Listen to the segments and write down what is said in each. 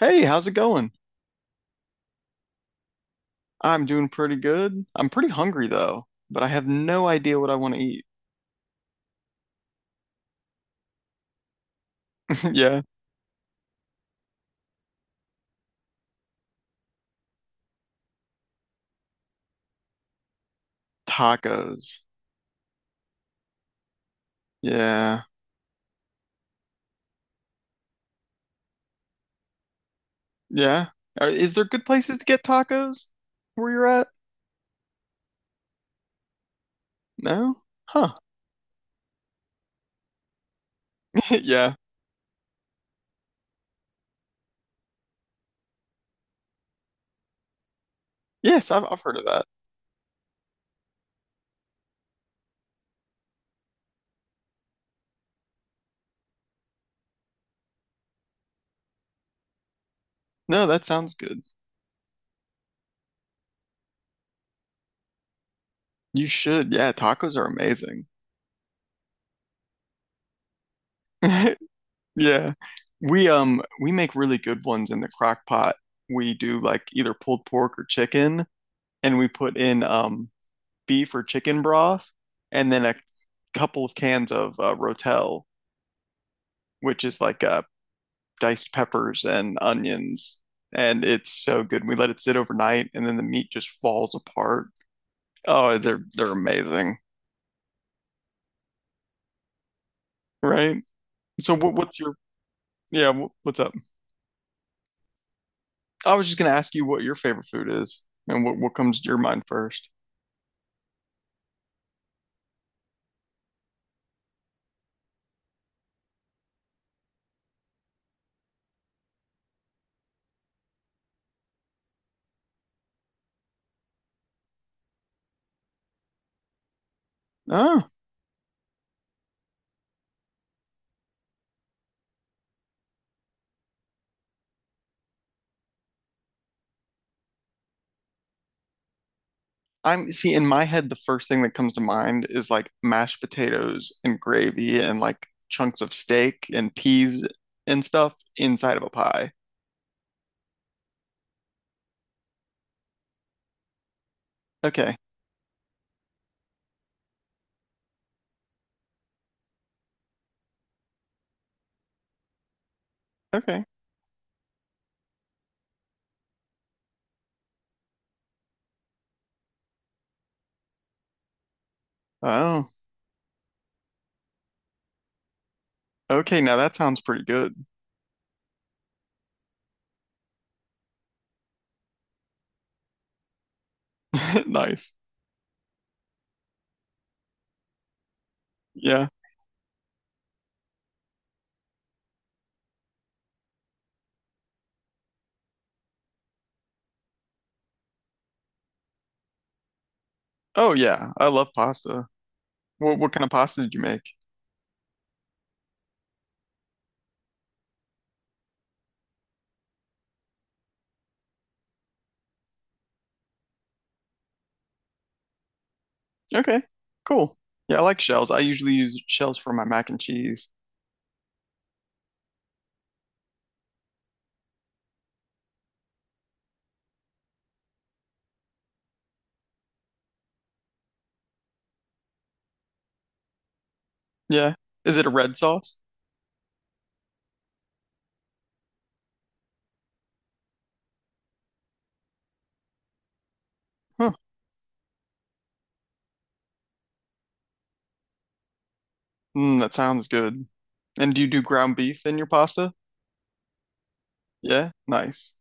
Hey, how's it going? I'm doing pretty good. I'm pretty hungry though, but I have no idea what I want to eat. Yeah, tacos. Yeah, yeah. Is there good places to get tacos where you're at? No? Huh. Yeah. Yes, I've heard of that. No, that sounds good. You should. Yeah, tacos are amazing. Yeah. We make really good ones in the crock pot. We do like either pulled pork or chicken, and we put in beef or chicken broth, and then a couple of cans of Rotel, which is like diced peppers and onions. And it's so good. We let it sit overnight, and then the meat just falls apart. Oh, they're amazing, right? So what's your yeah? What's up? I was just gonna ask you what your favorite food is, and what comes to your mind first. Oh. I'm see in my head the first thing that comes to mind is like mashed potatoes and gravy and like chunks of steak and peas and stuff inside of a pie. Okay. Okay. Oh. Okay, now that sounds pretty good. Nice. Yeah. Oh yeah, I love pasta. What kind of pasta did you make? Okay. Cool. Yeah, I like shells. I usually use shells for my mac and cheese. Yeah. Is it a red sauce? Huh. Mm, that sounds good. And do you do ground beef in your pasta? Yeah. Nice.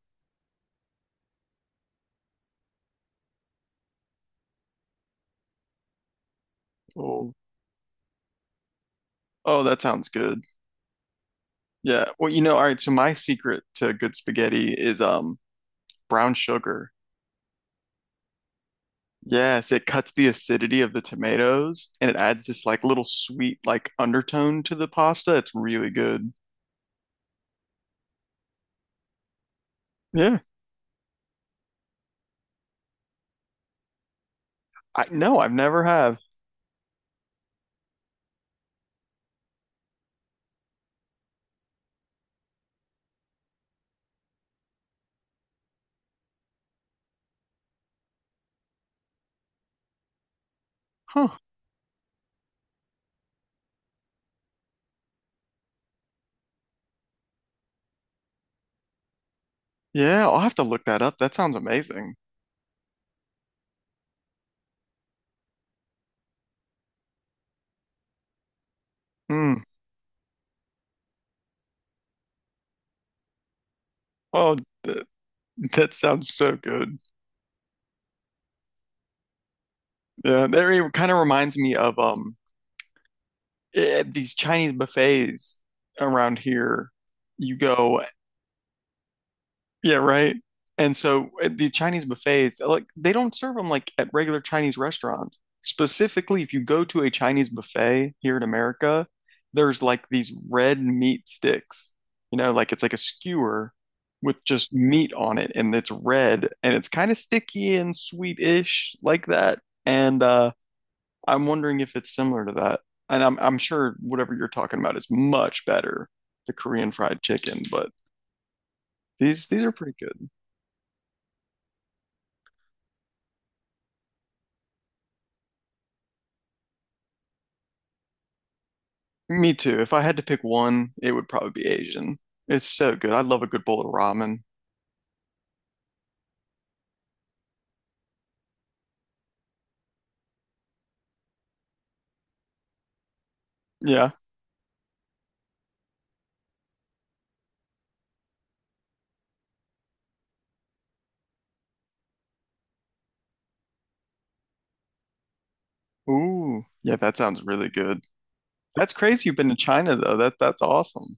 Oh, oh, that sounds good. Yeah. Well, you know, all right, so my secret to good spaghetti is brown sugar. Yes, it cuts the acidity of the tomatoes and it adds this like little sweet like undertone to the pasta. It's really good. Yeah. I no, I've never have. Huh. Yeah, I'll have to look that up. That sounds amazing. Hmm. Oh, th that sounds so good. Yeah, that kind of reminds me of these Chinese buffets around here. You go yeah, right. And so at the Chinese buffets, like they don't serve them like at regular Chinese restaurants. Specifically, if you go to a Chinese buffet here in America, there's like these red meat sticks. You know, like it's like a skewer with just meat on it and it's red and it's kind of sticky and sweetish like that. And I'm wondering if it's similar to that. And I'm sure whatever you're talking about is much better, the Korean fried chicken, but these are pretty good. Me too. If I had to pick one, it would probably be Asian. It's so good. I love a good bowl of ramen. Yeah. Ooh. Yeah, that sounds really good. That's crazy you've been to China though. That's awesome.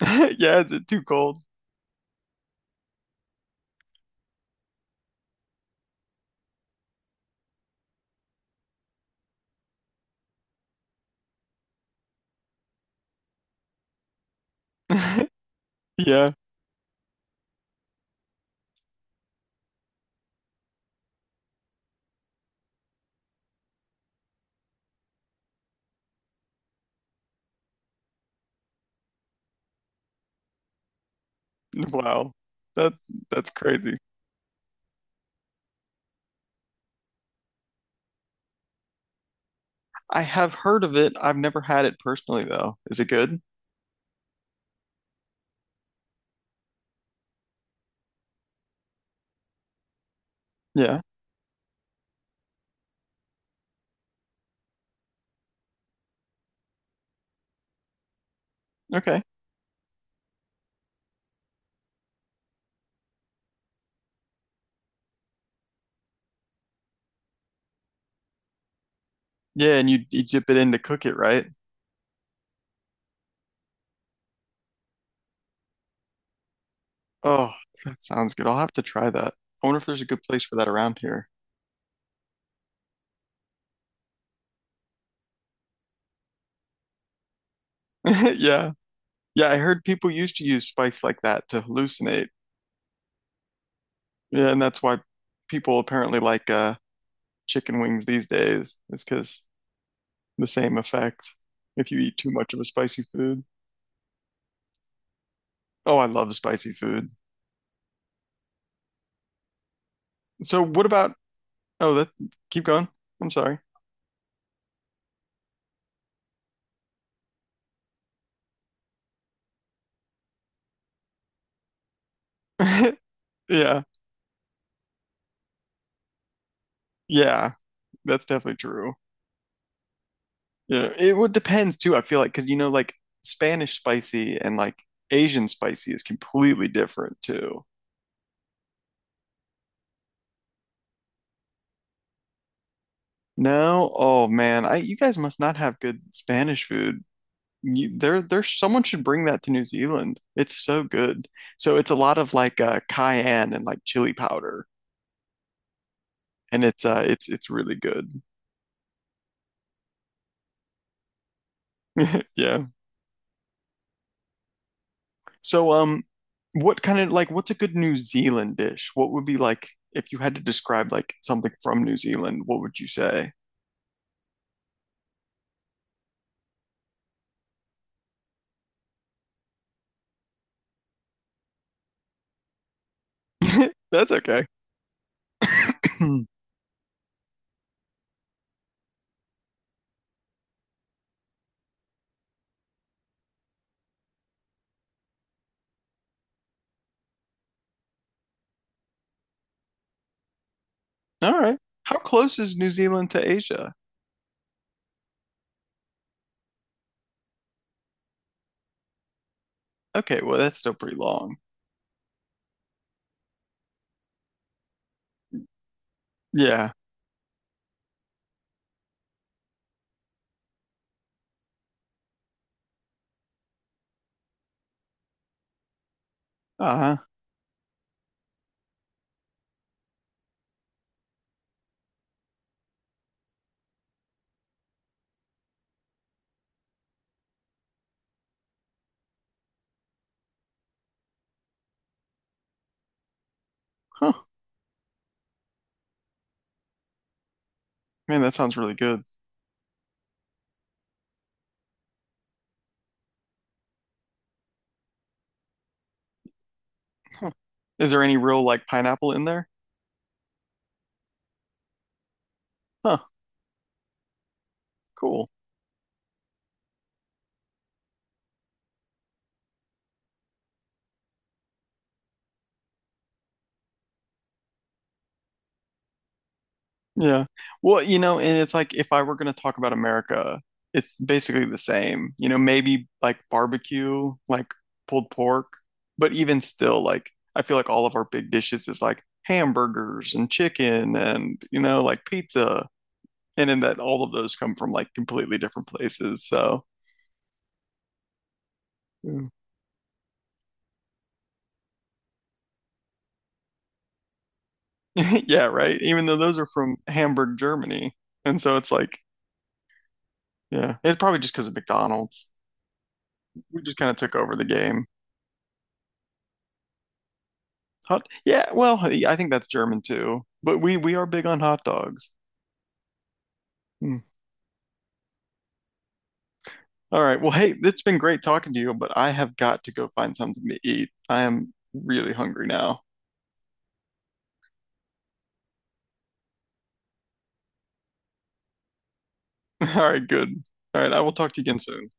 Yeah, is it too cold? Yeah. Wow. That that's crazy. I have heard of it. I've never had it personally though. Is it good? Yeah. Okay. Yeah, and you dip it in to cook it, right? Oh, that sounds good. I'll have to try that. I wonder if there's a good place for that around here. Yeah. Yeah, I heard people used to use spice like that to hallucinate. Yeah, and that's why people apparently like chicken wings these days, is because the same effect if you eat too much of a spicy food. Oh, I love spicy food. So what about, oh, that, keep going. I'm sorry. Yeah, yeah, that's definitely true. Yeah, it would depends too, I feel like, because you know, like Spanish spicy and like Asian spicy is completely different too. No? Oh man, I you guys must not have good Spanish food. Someone should bring that to New Zealand. It's so good. So it's a lot of like cayenne and like chili powder, and it's it's really good. Yeah. So what kind of like what's a good New Zealand dish? What would be like if you had to describe like something from New Zealand? What would you say? That's okay. All right. How close is New Zealand to Asia? Okay, well that's still pretty long. Yeah. Uh-huh. Huh. Man, that sounds really good. Is there any real like pineapple in there? Huh, cool. Yeah. Well, you know, and it's like if I were going to talk about America, it's basically the same. You know, maybe like barbecue, like pulled pork, but even still, like I feel like all of our big dishes is like hamburgers and chicken and, you know, like pizza. And in that all of those come from like completely different places. So, yeah, yeah, right. Even though those are from Hamburg, Germany. And so it's like, yeah, it's probably just because of McDonald's. We just kind of took over the game. Hot, yeah. Well, hey, I think that's German too. But we are big on hot dogs. Hmm. All right. Well, hey, it's been great talking to you, but I have got to go find something to eat. I am really hungry now. All right, good. All right, I will talk to you again soon.